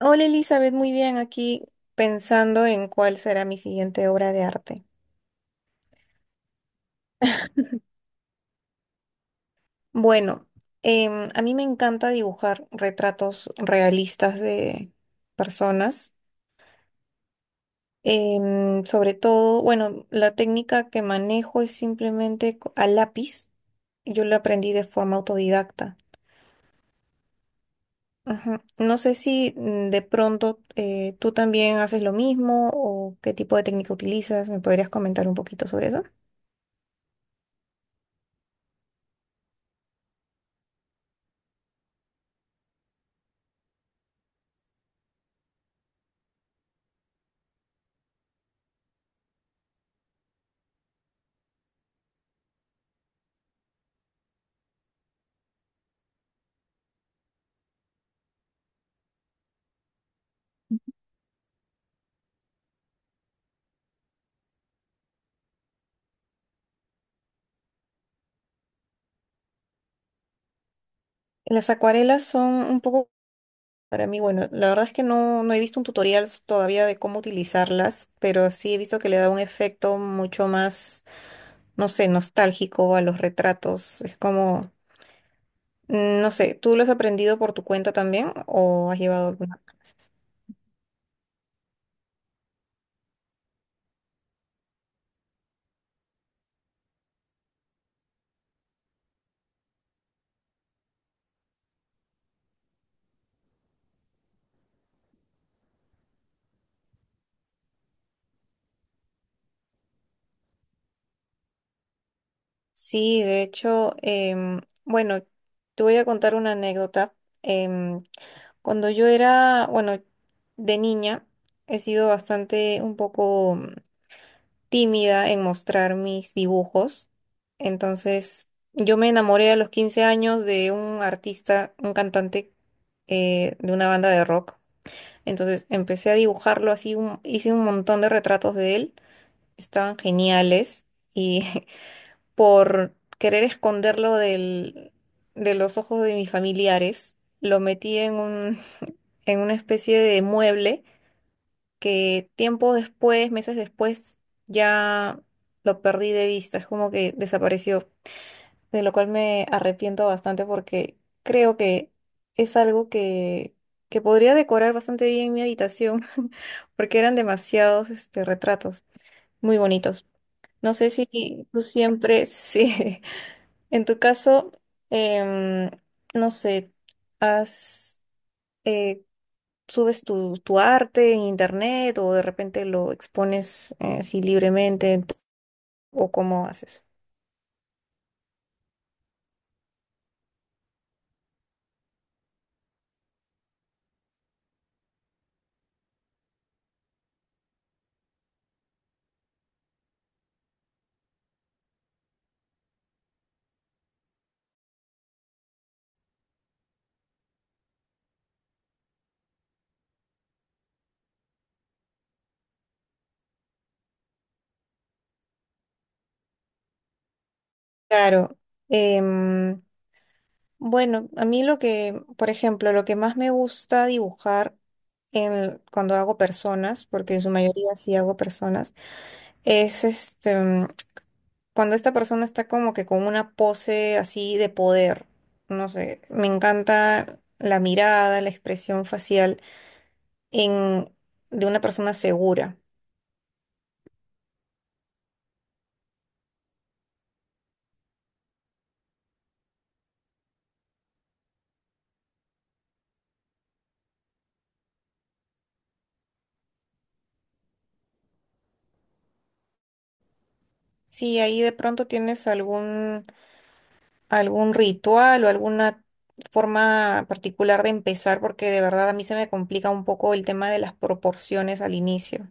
Hola Elizabeth, muy bien, aquí pensando en cuál será mi siguiente obra de arte. Bueno, a mí me encanta dibujar retratos realistas de personas. Sobre todo, bueno, la técnica que manejo es simplemente a lápiz. Yo la aprendí de forma autodidacta. Ajá. No sé si de pronto tú también haces lo mismo o qué tipo de técnica utilizas. ¿Me podrías comentar un poquito sobre eso? Las acuarelas son un poco. Para mí, bueno, la verdad es que no, no he visto un tutorial todavía de cómo utilizarlas, pero sí he visto que le da un efecto mucho más, no sé, nostálgico a los retratos. Es como, no sé, ¿tú lo has aprendido por tu cuenta también o has llevado algunas clases? Sí, de hecho, bueno, te voy a contar una anécdota. Em, cuando yo era, bueno, de niña, he sido bastante un poco tímida en mostrar mis dibujos. Entonces, yo me enamoré a los 15 años de un artista, un cantante de una banda de rock. Entonces, empecé a dibujarlo así, hice un montón de retratos de él. Estaban geniales y por querer esconderlo de los ojos de mis familiares, lo metí en una especie de mueble que tiempo después, meses después, ya lo perdí de vista, es como que desapareció, de lo cual me arrepiento bastante porque creo que es algo que podría decorar bastante bien mi habitación, porque eran demasiados retratos muy bonitos. No sé si tú siempre, sí, en tu caso, em, no sé, has, eh, subes tu arte en internet o de repente lo expones así libremente, ¿o cómo haces? Claro. em, bueno, a mí lo que, por ejemplo, lo que más me gusta dibujar en, cuando hago personas, porque en su mayoría sí hago personas, es cuando esta persona está como que con una pose así de poder. No sé, me encanta la mirada, la expresión facial en, de una persona segura. Si ahí de pronto tienes algún ritual o alguna forma particular de empezar, porque de verdad a mí se me complica un poco el tema de las proporciones al inicio.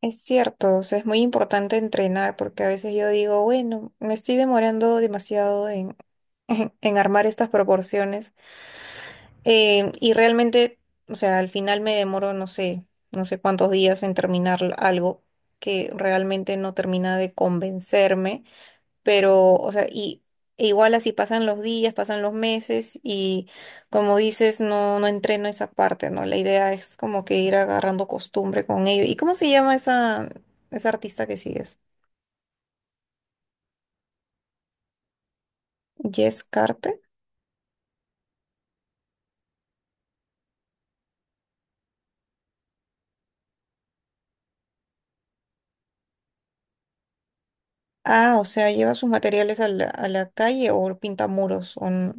Es cierto, o sea, es muy importante entrenar, porque a veces yo digo, bueno, me estoy demorando demasiado en armar estas proporciones. Y realmente, o sea, al final me demoro, no sé, no sé cuántos días en terminar algo que realmente no termina de convencerme. Pero, o sea, e igual así pasan los días, pasan los meses y como dices, no, no entreno esa parte, ¿no? La idea es como que ir agarrando costumbre con ello. ¿Y cómo se llama esa artista que sigues? Jess Carte. Ah, o sea, lleva sus materiales a la calle o pinta muros.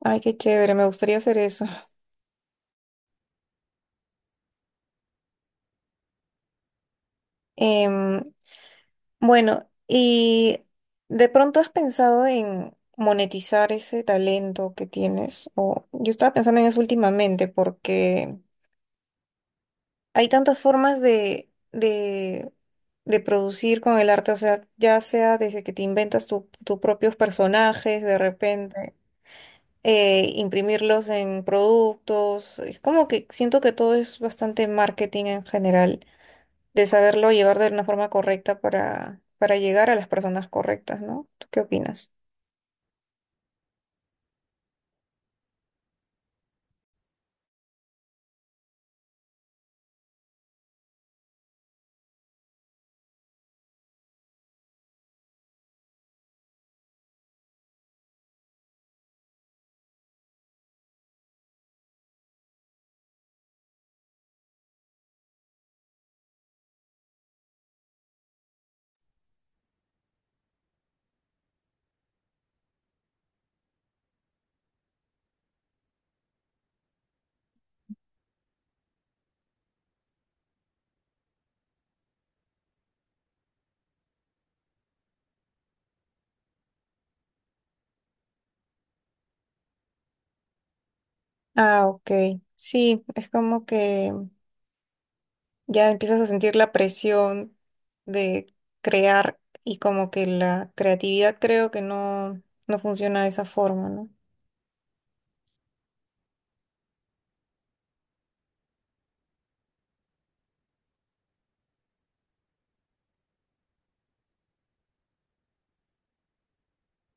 Ay, qué chévere, me gustaría hacer eso. Bueno, ¿y de pronto has pensado en monetizar ese talento que tienes? O yo estaba pensando en eso últimamente porque hay tantas formas de producir con el arte, o sea, ya sea desde que te inventas tus propios personajes de repente, imprimirlos en productos, es como que siento que todo es bastante marketing en general de saberlo llevar de una forma correcta para llegar a las personas correctas, ¿no? ¿Tú qué opinas? Ah, ok. Sí, es como que ya empiezas a sentir la presión de crear y como que la creatividad creo que no, no funciona de esa forma, ¿no?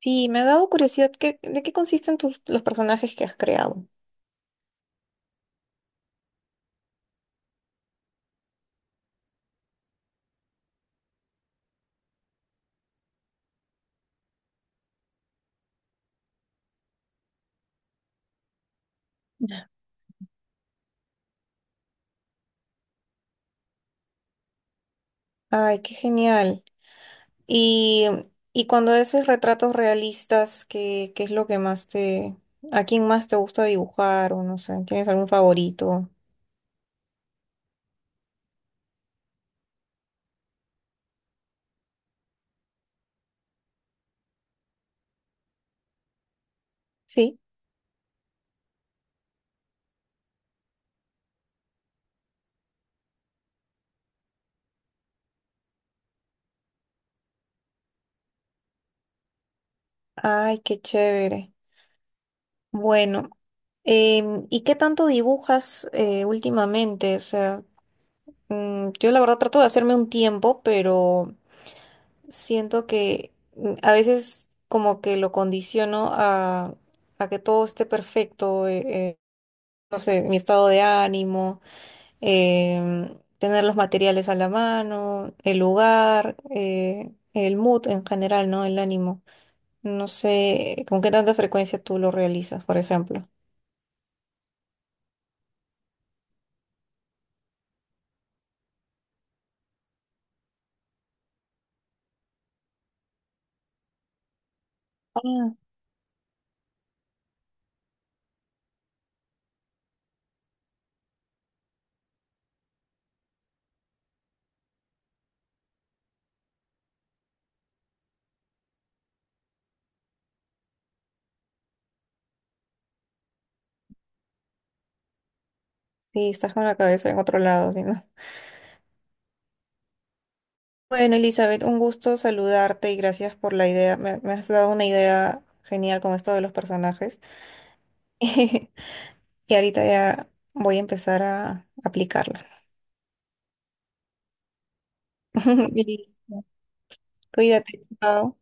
Sí, me ha dado curiosidad, ¿de qué consisten los personajes que has creado? Ya. Ay, qué genial. Y, y cuando haces retratos realistas, ¿qué es lo que más te, a quién más te gusta dibujar, o no sé, ¿tienes algún favorito? Sí. Ay, qué chévere. Bueno, ¿y qué tanto dibujas últimamente? O sea, yo la verdad trato de hacerme un tiempo, pero siento que a veces como que lo condiciono a que todo esté perfecto, no sé, mi estado de ánimo em, tener los materiales a la mano, el lugar, el mood en general, ¿no? El ánimo. No sé con qué tanta frecuencia tú lo realizas, por ejemplo. Ah, sí, estás con la cabeza en otro lado, ¿sí, no? Bueno, Elizabeth, un gusto saludarte y gracias por la idea. Me has dado una idea genial con esto de los personajes. Y ahorita ya voy a empezar a aplicarla. Listo. Cuídate, chao.